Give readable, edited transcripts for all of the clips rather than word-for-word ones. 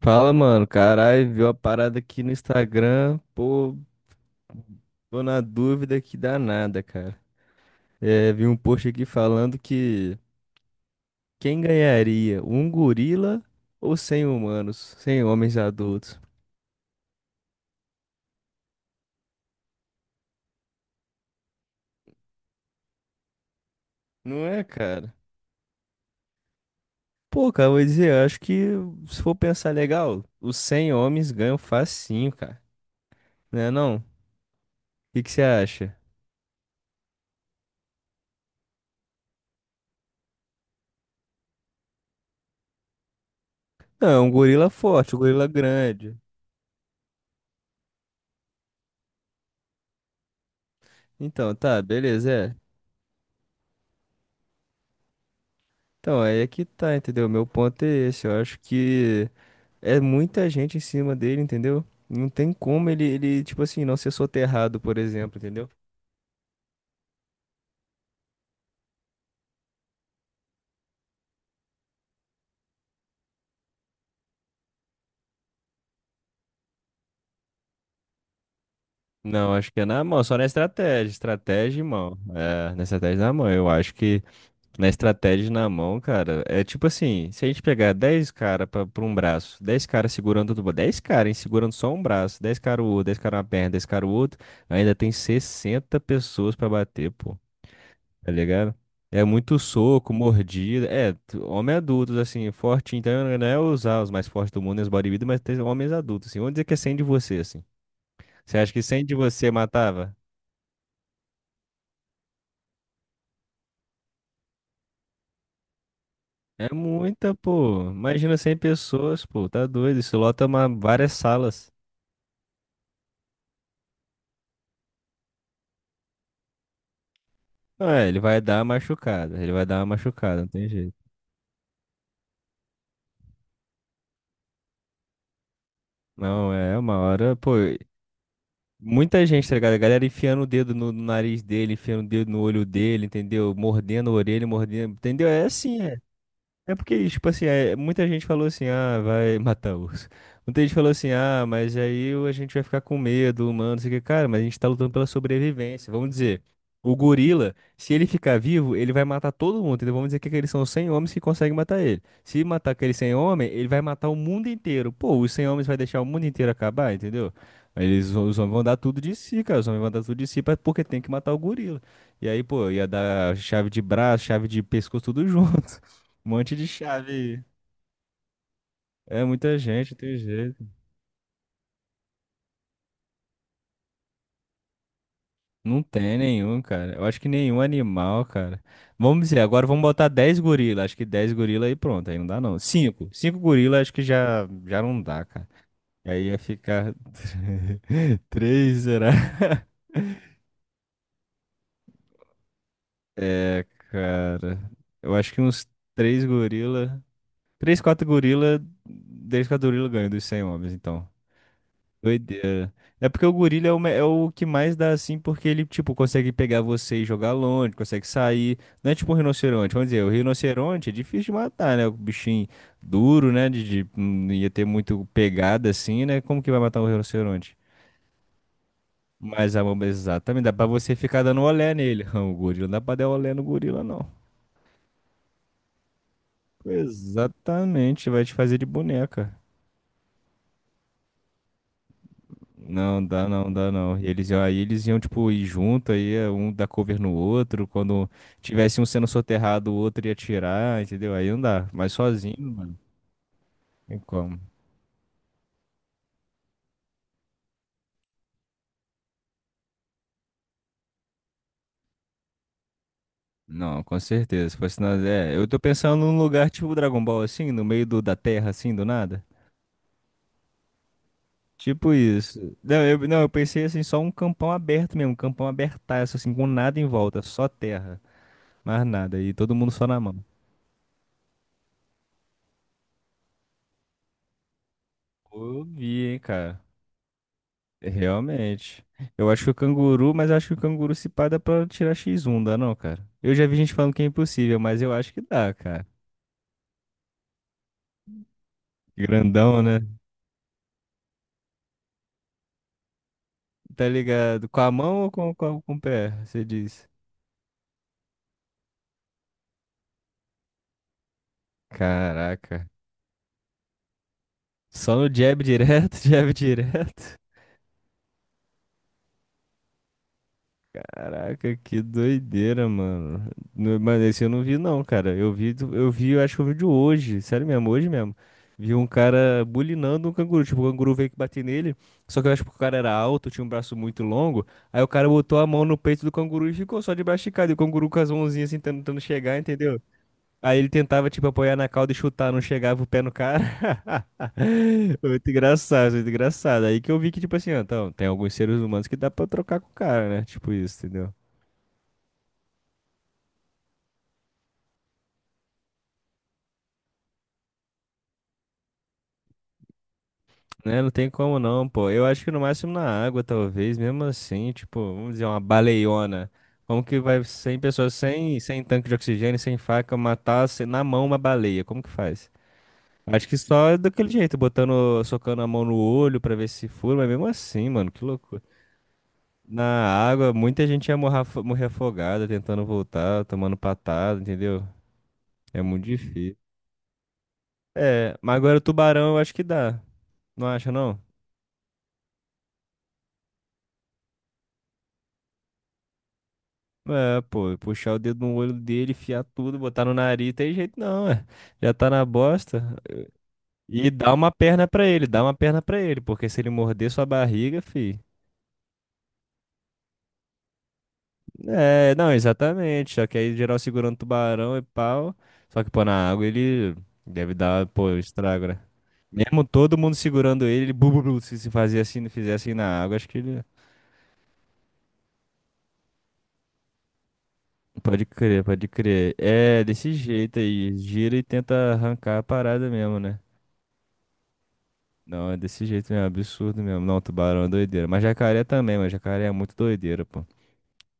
Fala, mano. Caralho, viu a parada aqui no Instagram? Pô, tô na dúvida que dá nada, cara. É, vi um post aqui falando que quem ganharia, um gorila ou 100 humanos, 100 homens adultos? Não é, cara? Pô, cara, vou dizer, eu acho que se for pensar legal, os 100 homens ganham facinho, cara. Né não? O que que você acha? Não, é um gorila forte, um gorila grande. Então, tá, beleza, é. Então, aí é que tá, entendeu? Meu ponto é esse. Eu acho que é muita gente em cima dele, entendeu? Não tem como ele, tipo assim, não ser soterrado, por exemplo, entendeu? Não, acho que é na mão, só na estratégia. Estratégia e mão. É, na estratégia e na mão. Eu acho que na estratégia e na mão, cara, é tipo assim, se a gente pegar 10 caras pra um braço, 10 caras segurando tudo, 10 caras, hein, segurando só um braço, 10 caras o outro, 10 caras uma perna, 10 caras o outro, ainda tem 60 pessoas pra bater, pô. Tá ligado? É muito soco, mordida. É, homem adultos, assim, forte. Então, não é usar os mais fortes do mundo e os bodybuilders, mas tem homens adultos, assim. Vamos dizer que é 100 de você, assim. Você acha que 100 de você matava? É muita, pô. Imagina 100 pessoas, pô. Tá doido. Isso lota uma, várias salas. Não, é, ele vai dar uma machucada. Ele vai dar uma machucada, não tem jeito. Não, é uma hora, pô. Muita gente, tá ligado? A galera enfiando o dedo no nariz dele, enfiando o dedo no olho dele, entendeu? Mordendo a orelha, mordendo. Entendeu? É assim, é. É porque, tipo assim, é, muita gente falou assim, ah, vai matar urso. Muita gente falou assim, ah, mas aí a gente vai ficar com medo, humano, não sei o que. Cara, mas a gente tá lutando pela sobrevivência. Vamos dizer, o gorila, se ele ficar vivo, ele vai matar todo mundo, entendeu? Vamos dizer que aqueles são os 100 homens que conseguem matar ele. Se matar aquele 100 homens, ele vai matar o mundo inteiro. Pô, os 100 homens vai deixar o mundo inteiro acabar, entendeu? Aí eles, os homens vão dar tudo de si, cara. Os homens vão dar tudo de si porque tem que matar o gorila. E aí, pô, ia dar chave de braço, chave de pescoço, tudo junto. Um monte de chave. É muita gente, não tem jeito. Não tem nenhum, cara. Eu acho que nenhum animal, cara. Vamos dizer, agora vamos botar 10 gorila. Acho que 10 gorila aí pronto, aí não dá não. Cinco gorila acho que já não dá, cara. Aí ia ficar três será? É, cara. Eu acho que uns 3 gorila. Três 4 gorila. 3, 4 gorila ganha dos 100 homens, então. Doideira. É porque o gorila é o que mais dá assim, porque ele, tipo, consegue pegar você e jogar longe, consegue sair. Não é tipo um rinoceronte. Vamos dizer, o rinoceronte é difícil de matar, né? O bichinho duro, né? Não ia ter muito pegada assim, né? Como que vai matar um rinoceronte? Mas a mamba, exatamente, dá pra você ficar dando olé nele. O gorila não dá pra dar olé no gorila, não. Exatamente, vai te fazer de boneca. Não, dá não, dá não. E aí eles iam, tipo, ir junto, aí um dar cover no outro. Quando tivesse um sendo soterrado, o outro ia atirar, entendeu? Aí não dá. Mas sozinho, mano, tem como. Não, com certeza. Se fosse na... É, eu tô pensando num lugar tipo Dragon Ball, assim, no meio da terra, assim, do nada. Tipo isso. Não, eu, não, eu pensei assim, só um campão aberto mesmo, um campão abertaço, assim, com nada em volta, só terra, mais nada. E todo mundo só na mão. Eu vi, hein, cara. Realmente. Eu acho que o canguru, mas acho que o canguru se pá dá pra tirar X1, dá não, cara? Eu já vi gente falando que é impossível, mas eu acho que dá, cara. Grandão, né? Tá ligado? Com a mão ou com o pé? Você diz. Caraca. Só no jab direto, jab direto. Caraca, que doideira, mano. Mano, esse eu não vi, não, cara. Eu vi, eu vi, eu acho que eu vi de hoje. Sério mesmo, hoje mesmo. Vi um cara bulinando um canguru. Tipo, o canguru veio que bater nele. Só que eu acho que o cara era alto, tinha um braço muito longo. Aí o cara botou a mão no peito do canguru e ficou só de braço esticado. E o canguru com as mãozinhas assim, tentando chegar, entendeu? Aí ele tentava, tipo, apoiar na cauda e chutar, não chegava o pé no cara. Muito engraçado, muito engraçado. Aí que eu vi que, tipo assim, ó, então, tem alguns seres humanos que dá pra trocar com o cara, né? Tipo isso, entendeu? Né, não tem como não, pô. Eu acho que no máximo na água, talvez, mesmo assim, tipo, vamos dizer, uma baleiona. Como que vai 100 pessoas sem tanque de oxigênio, sem faca, matar na mão uma baleia? Como que faz? Acho que só daquele jeito, botando, socando a mão no olho pra ver se fura, mas mesmo assim, mano, que loucura. Na água, muita gente ia morrer, morrer afogada, tentando voltar, tomando patada, entendeu? É muito difícil. É, mas agora o tubarão eu acho que dá. Não acha, não? É, pô, puxar o dedo no olho dele, enfiar tudo, botar no nariz, tem jeito não, é. Já tá na bosta. E dá uma perna pra ele, dá uma perna pra ele, porque se ele morder sua barriga, fi. É, não, exatamente. Só que aí geral segurando tubarão e pau. Só que, pô, na água ele deve dar, pô, estrago, né? Mesmo todo mundo segurando ele, ele bu, bu, bu, se fazia assim, não fizesse assim na água, acho que ele. Pode crer, pode crer. É, desse jeito aí. Gira e tenta arrancar a parada mesmo, né? Não, é desse jeito mesmo, absurdo mesmo. Não, tubarão é doideira. Mas jacaré também, mas jacaré é muito doideira, pô.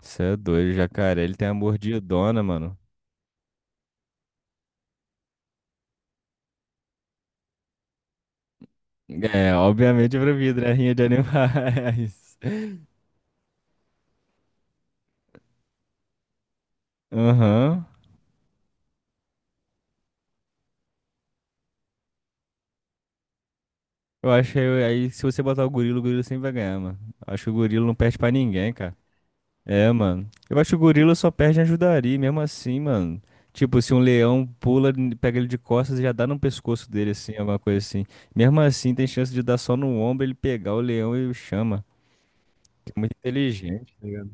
Você é doido, jacaré, ele tem a mordidona, mano. É, obviamente proibido, né? Rinha de animais. Aham. Eu acho que aí, se você botar o gorila sempre vai ganhar, mano. Acho que o gorila não perde pra ninguém, cara. É, mano. Eu acho que o gorila só perde em ajudaria, mesmo assim, mano. Tipo, se um leão pula, pega ele de costas e já dá no pescoço dele, assim, alguma coisa assim. Mesmo assim, tem chance de dar só no ombro, ele pegar o leão e o chama. É muito inteligente, tá ligado?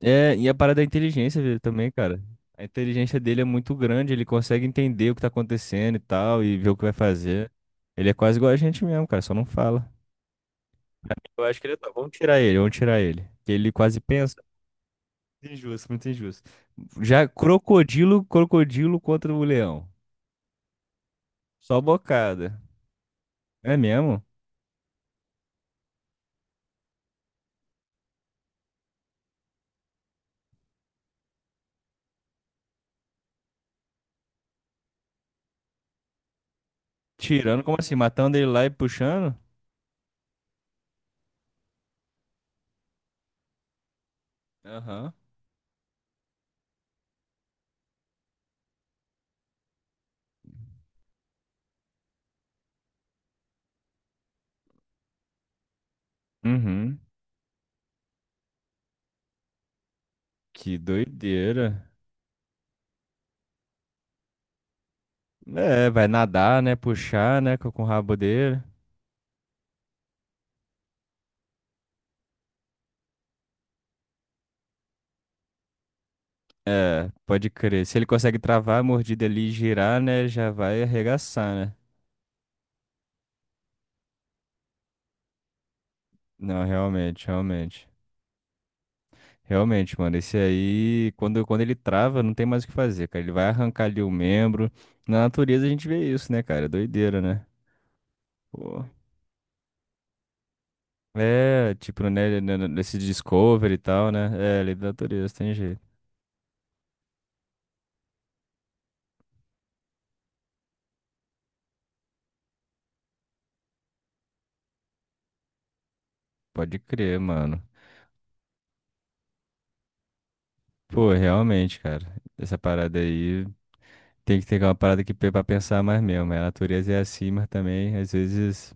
É, e a parada da inteligência dele também, cara. A inteligência dele é muito grande, ele consegue entender o que tá acontecendo e tal, e ver o que vai fazer. Ele é quase igual a gente mesmo, cara, só não fala. Eu acho que ele tá. Vamos tirar ele, vamos tirar ele. Que ele quase pensa. Injusto, muito injusto. Já crocodilo, crocodilo contra o leão. Só bocada. É mesmo? Tirando, como assim? Matando ele lá e puxando? Aham. Uhum. Que doideira. É, vai nadar, né? Puxar, né? Com o rabo dele. É, pode crer. Se ele consegue travar a mordida ali e girar, né? Já vai arregaçar, né? Não, realmente, realmente. Realmente, mano, esse aí, quando ele trava, não tem mais o que fazer, cara. Ele vai arrancar ali o membro. Na natureza a gente vê isso, né, cara? É doideira, né? Pô. É, tipo, nesse Discovery e tal, né? É, lei da natureza, tem jeito. Pode crer, mano. Pô, realmente, cara. Essa parada aí tem que ter uma parada que pra pensar mais mesmo, né? A natureza é assim, mas também, às vezes,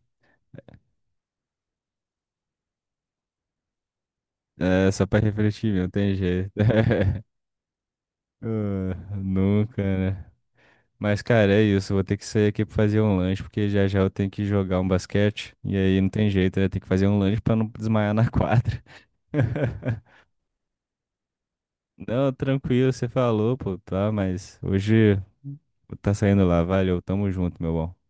é só pra refletir mesmo, tem jeito. Ah, nunca, né? Mas, cara, é isso. Vou ter que sair aqui pra fazer um lanche, porque já já eu tenho que jogar um basquete. E aí não tem jeito, né? Tem que fazer um lanche pra não desmaiar na quadra. Não, tranquilo, você falou, pô, tá? Mas hoje tá saindo lá. Valeu, tamo junto, meu bom.